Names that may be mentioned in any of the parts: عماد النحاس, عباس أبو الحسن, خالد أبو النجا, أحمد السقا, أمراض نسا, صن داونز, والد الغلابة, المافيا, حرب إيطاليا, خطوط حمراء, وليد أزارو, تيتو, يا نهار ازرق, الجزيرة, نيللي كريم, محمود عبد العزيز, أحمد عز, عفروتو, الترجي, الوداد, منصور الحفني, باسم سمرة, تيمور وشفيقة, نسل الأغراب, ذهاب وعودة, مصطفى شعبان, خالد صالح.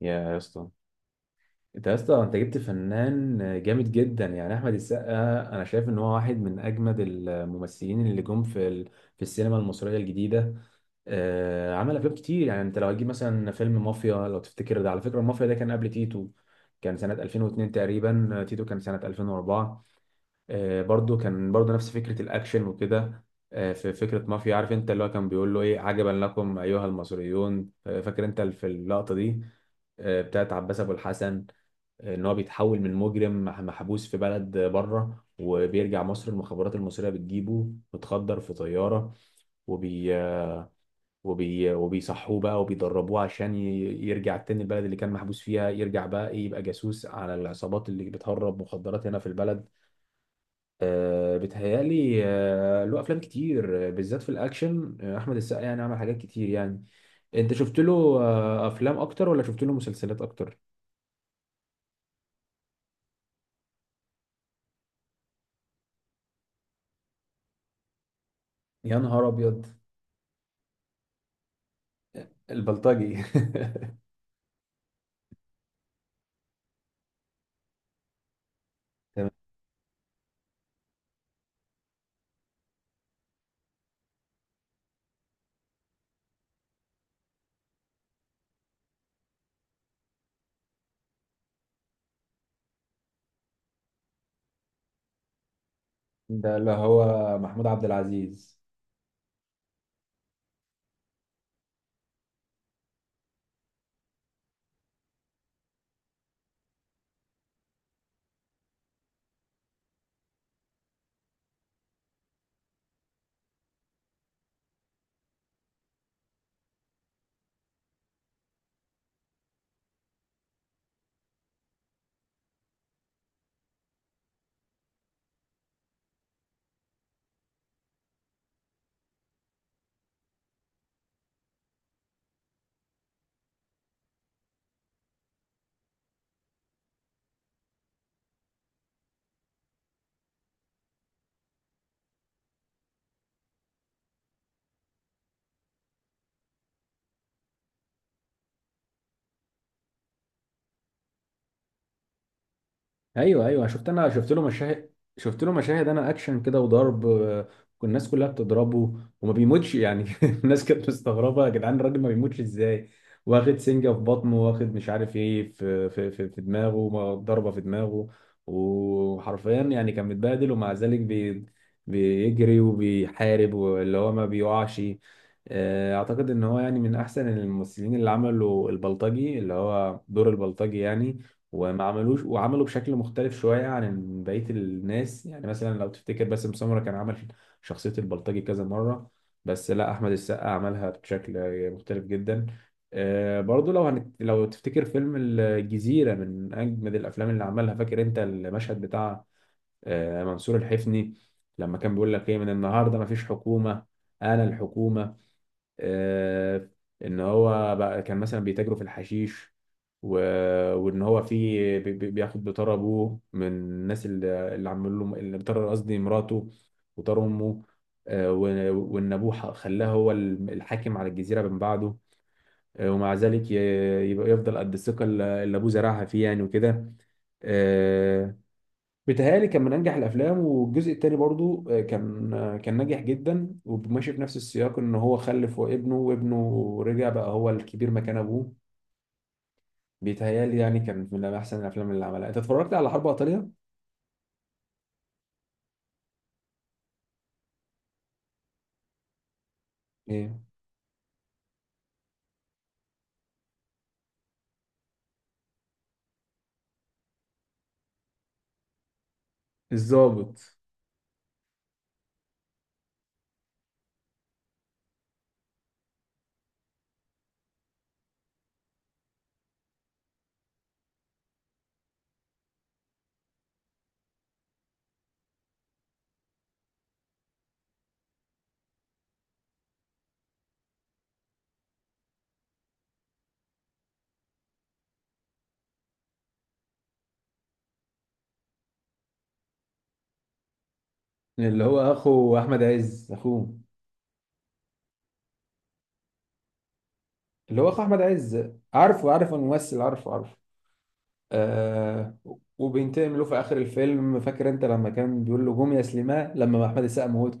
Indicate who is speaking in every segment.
Speaker 1: يا اسطى، انت يا اسطى، انت جبت فنان جامد جدا يعني احمد السقا. انا شايف ان هو واحد من اجمد الممثلين اللي جم في في السينما المصريه الجديده. عمل افلام كتير يعني. انت لو هتجيب مثلا فيلم مافيا، لو تفتكر ده، على فكره المافيا ده كان قبل تيتو، كان سنه 2002 تقريبا. تيتو كان سنه 2004. برضو كان نفس فكرة الأكشن وكده. في فكرة مافيا، عارف أنت اللي هو كان بيقول له إيه؟ عجبا لكم أيها المصريون، فاكر أنت في اللقطة دي؟ بتاعت عباس أبو الحسن، إن هو بيتحول من مجرم محبوس في بلد بره وبيرجع مصر. المخابرات المصرية بتجيبه متخدر في طيارة وبي آه، وبيصحوه بقى وبيدربوه عشان يرجع تاني البلد اللي كان محبوس فيها، يرجع بقى إيه، يبقى جاسوس على العصابات اللي بتهرب مخدرات هنا في البلد. بيتهيألي له أفلام كتير، بالذات في الأكشن. أحمد السقا يعني عمل حاجات كتير يعني. أنت شفت له أفلام أكتر ولا شفت له مسلسلات أكتر؟ يا نهار ابيض! البلطجي! تمام. ده اللي هو محمود عبد العزيز. ايوه ايوه، شفت، انا شفت له مشاهد، شفت له مشاهد انا اكشن كده وضرب، والناس كلها بتضربه وما بيموتش يعني. الناس كانت مستغربه، يا جدعان الراجل ما بيموتش ازاي؟ واخد سنجه في بطنه، واخد مش عارف ايه في في دماغه، ضربه في دماغه، وحرفيا يعني كان متبهدل، ومع ذلك بيجري وبيحارب، واللي هو ما بيقعش. اعتقد ان هو يعني من احسن الممثلين اللي عملوا البلطجي، اللي هو دور البلطجي يعني، وما عملوش، وعملوا بشكل مختلف شوية عن بقية الناس. يعني مثلا لو تفتكر باسم سمرة، كان عمل شخصية البلطجي كذا مرة، بس لا، أحمد السقا عملها بشكل مختلف جدا. برضو لو تفتكر فيلم الجزيرة، من أجمد الأفلام اللي عملها. فاكر أنت المشهد بتاع منصور الحفني لما كان بيقول لك إيه؟ من النهاردة مفيش حكومة، أنا الحكومة. آه، ان هو بقى كان مثلا بيتاجروا في الحشيش، و... وان هو في بياخد بطار ابوه من الناس اللي اللي عملوا له، اللي بطار قصدي مراته وطار امه، وان ابوه خلاه هو الحاكم على الجزيره من بعده، ومع ذلك يبقى يفضل قد الثقه اللي اللي ابوه زرعها فيه يعني وكده. آه، بيتهيألي كان من أنجح الأفلام، والجزء التاني برضو كان كان ناجح جدا وماشي في نفس السياق، إن هو خلف وابنه، وابنه رجع بقى هو الكبير مكان أبوه. بيتهيألي يعني كان من أحسن الأفلام اللي عملها. أنت اتفرجت على حرب إيطاليا؟ إيه؟ الضابط. اللي هو أخو أحمد عز، أخوه. اللي هو أخو أحمد عز، عارفه، عارف الممثل، عارفه عارفه. آه. وبينتقم له في آخر الفيلم. فاكر أنت لما كان بيقول له قوم يا سليمان لما أحمد السقا موته؟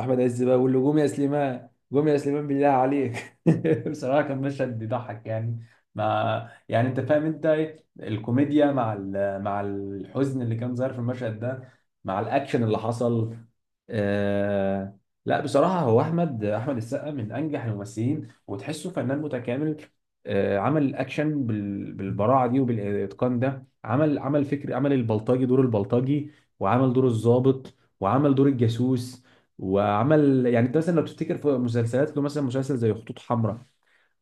Speaker 1: احمد عز بقى بيقول له قوم يا سليمان، قوم يا سليمان بالله عليك. بصراحه كان مشهد بيضحك يعني، مع يعني انت فاهم انت إيه؟ الكوميديا مع مع الحزن اللي كان ظاهر في المشهد ده، مع الاكشن اللي حصل. آه... لا بصراحه هو احمد السقا من انجح الممثلين، وتحسه فنان متكامل. عمل الاكشن بالبراعه دي وبالاتقان ده، عمل البلطجي، دور البلطجي، وعمل دور الضابط، وعمل دور الجاسوس، وعمل يعني. انت مثلا لو تفتكر في مسلسلات له، مثلا مسلسل زي خطوط حمراء،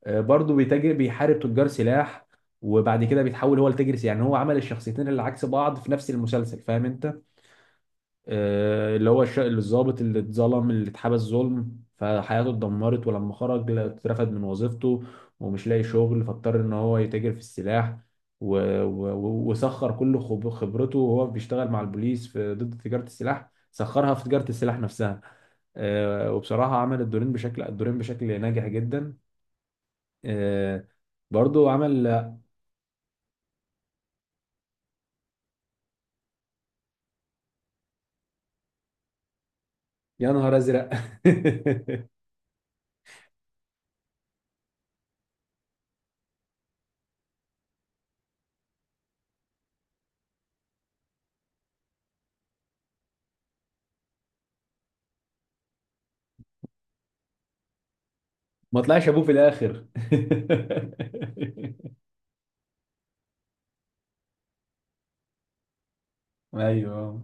Speaker 1: برضه بيتاجر، بيحارب تجار سلاح، وبعد كده بيتحول هو لتاجر سلاح. يعني هو عمل الشخصيتين اللي عكس بعض في نفس المسلسل، فاهم انت؟ اللي هو الضابط اللي اتظلم، اللي اتحبس ظلم فحياته اتدمرت، ولما خرج اترفد من وظيفته ومش لاقي شغل، فاضطر ان هو يتاجر في السلاح، و... وسخر كل خبرته وهو بيشتغل مع البوليس في ضد تجارة السلاح، سخرها في تجارة السلاح نفسها. وبصراحة عمل الدورين بشكل ناجح جدا. آه، برضو عمل. يا نهار ازرق! ما طلعش ابوه في الاخر؟ ايوه.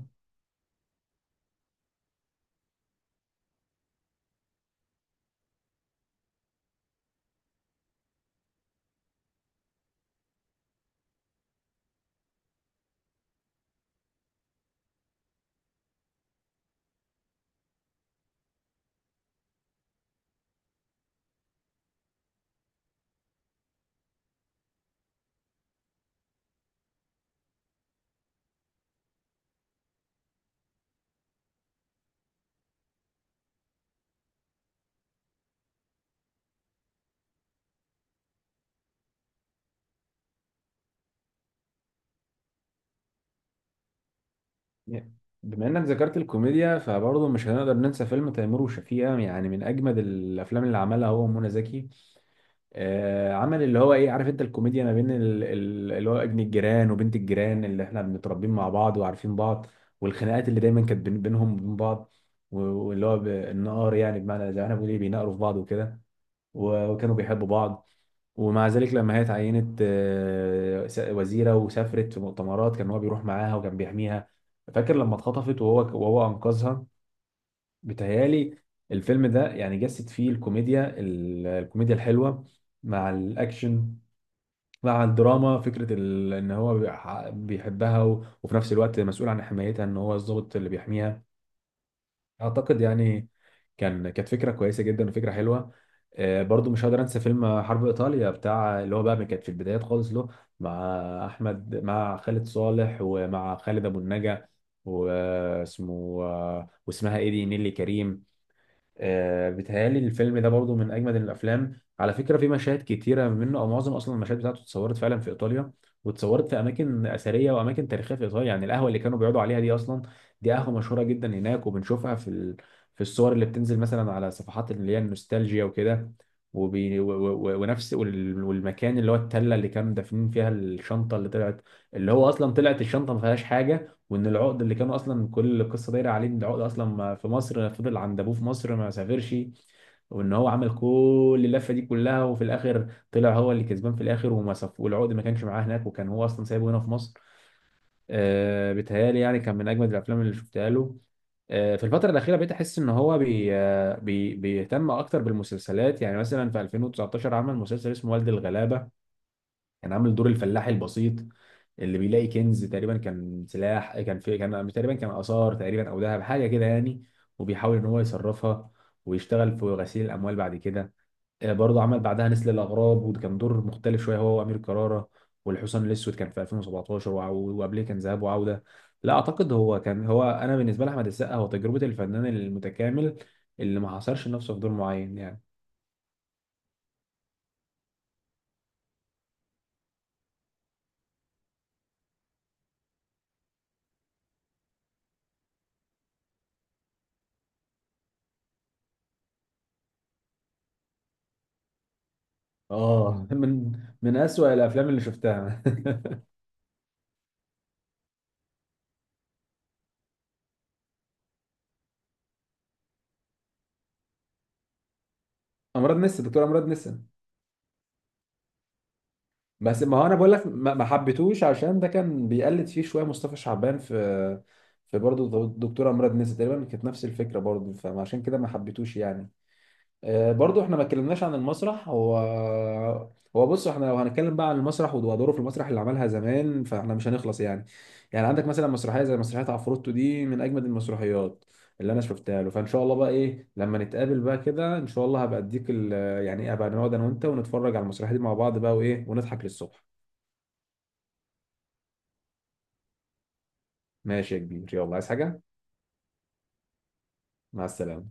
Speaker 1: بما انك ذكرت الكوميديا فبرضه مش هنقدر ننسى فيلم تيمور وشفيقة، يعني من اجمد الافلام اللي عملها هو ومنى زكي. آه، عمل اللي هو ايه، عارف انت الكوميديا ما بين اللي هو ابن الجيران وبنت الجيران اللي احنا بنتربين مع بعض وعارفين بعض، والخناقات اللي دايما كانت بينهم وبين بعض، واللي هو النقار، يعني بمعنى زي ما احنا بنقول ايه، بينقروا في بعض وكده، وكانوا بيحبوا بعض، ومع ذلك لما هي اتعينت وزيرة وسافرت في مؤتمرات، كان هو بيروح معاها وكان بيحميها. فاكر لما اتخطفت وهو أنقذها؟ بتهيالي الفيلم ده يعني جسد فيه الكوميديا الكوميديا الحلوة مع الأكشن، مع الدراما. فكرة إن هو بيحبها، وفي نفس الوقت مسؤول عن حمايتها، إن هو الضابط اللي بيحميها. اعتقد يعني كان، كانت فكره كويسه جدا وفكره حلوه. برضو مش هقدر انسى فيلم حرب ايطاليا بتاع، اللي هو بقى كانت في البدايات خالص له، مع احمد، مع خالد صالح، ومع خالد ابو النجا، واسمه واسمها ايه دي، نيلي كريم. بيتهيألي الفيلم ده برضو من أجمد الأفلام. على فكرة في مشاهد كتيرة منه، أو معظم أصلا المشاهد بتاعته اتصورت فعلا في إيطاليا، واتصورت في أماكن أثرية وأماكن تاريخية في إيطاليا. يعني القهوة اللي كانوا بيقعدوا عليها دي أصلا، دي قهوة مشهورة جدا هناك، وبنشوفها في في الصور اللي بتنزل مثلا على صفحات اللي هي النوستالجيا وكده. وبي... و... و... و- ونفس والمكان اللي هو التلة اللي كانوا دافنين فيها الشنطة اللي طلعت، اللي هو أصلا طلعت الشنطة ما فيهاش حاجة. وان العقد اللي كان اصلا كل القصه دايره عليه، ان العقد اصلا في مصر، فضل عند ابوه في مصر ما سافرش، وان هو عمل كل اللفه دي كلها، وفي الاخر طلع هو اللي كسبان في الاخر، والعقد ما كانش معاه هناك، وكان هو اصلا سايبه هنا في مصر. آه بيتهيألي يعني كان من اجمد الافلام اللي شفتها له. في الفترة الأخيرة بقيت أحس إن هو بي آه، بي بيهتم أكتر بالمسلسلات. يعني مثلا في 2019 عمل مسلسل اسمه والد الغلابة، كان عامل دور الفلاح البسيط اللي بيلاقي كنز تقريبا، كان سلاح، كان في كان تقريبا كان آثار تقريبا، أو ذهب حاجة كده يعني، وبيحاول إن هو يصرفها ويشتغل في غسيل الأموال بعد كده. برضه عمل بعدها نسل الأغراب، وكان دور مختلف شوية هو وأمير كرارة. والحصان الأسود كان في 2017، وقبليه كان ذهاب وعودة. لا أعتقد هو كان أنا بالنسبة لأحمد السقا هو تجربة الفنان المتكامل اللي ما حصرش نفسه في دور معين يعني. اه من من أسوأ الأفلام اللي شفتها. أمراض نسا، دكتور أمراض نسا. بس ما هو انا بقول لك ما حبيتهوش عشان ده كان بيقلد فيه شويه مصطفى شعبان في، في برضه دكتوره مراد نسا تقريبا، كانت نفس الفكره برضه، فعشان كده ما حبيتهوش يعني. برضه احنا ما اتكلمناش عن المسرح. هو بص احنا لو هنتكلم بقى عن المسرح ودوره في المسرح اللي عملها زمان، فاحنا مش هنخلص يعني. يعني عندك مثلا مسرحيه زي مسرحيه عفروتو، دي من اجمد المسرحيات اللي انا شفتها له. فان شاء الله بقى ايه لما نتقابل بقى كده ان شاء الله، هبقى اديك يعني ايه، هبقى نقعد انا وانت ونتفرج على المسرحيه دي مع بعض بقى، وايه ونضحك للصبح. ماشي يا كبير، يلا عايز حاجة؟ مع السلامة.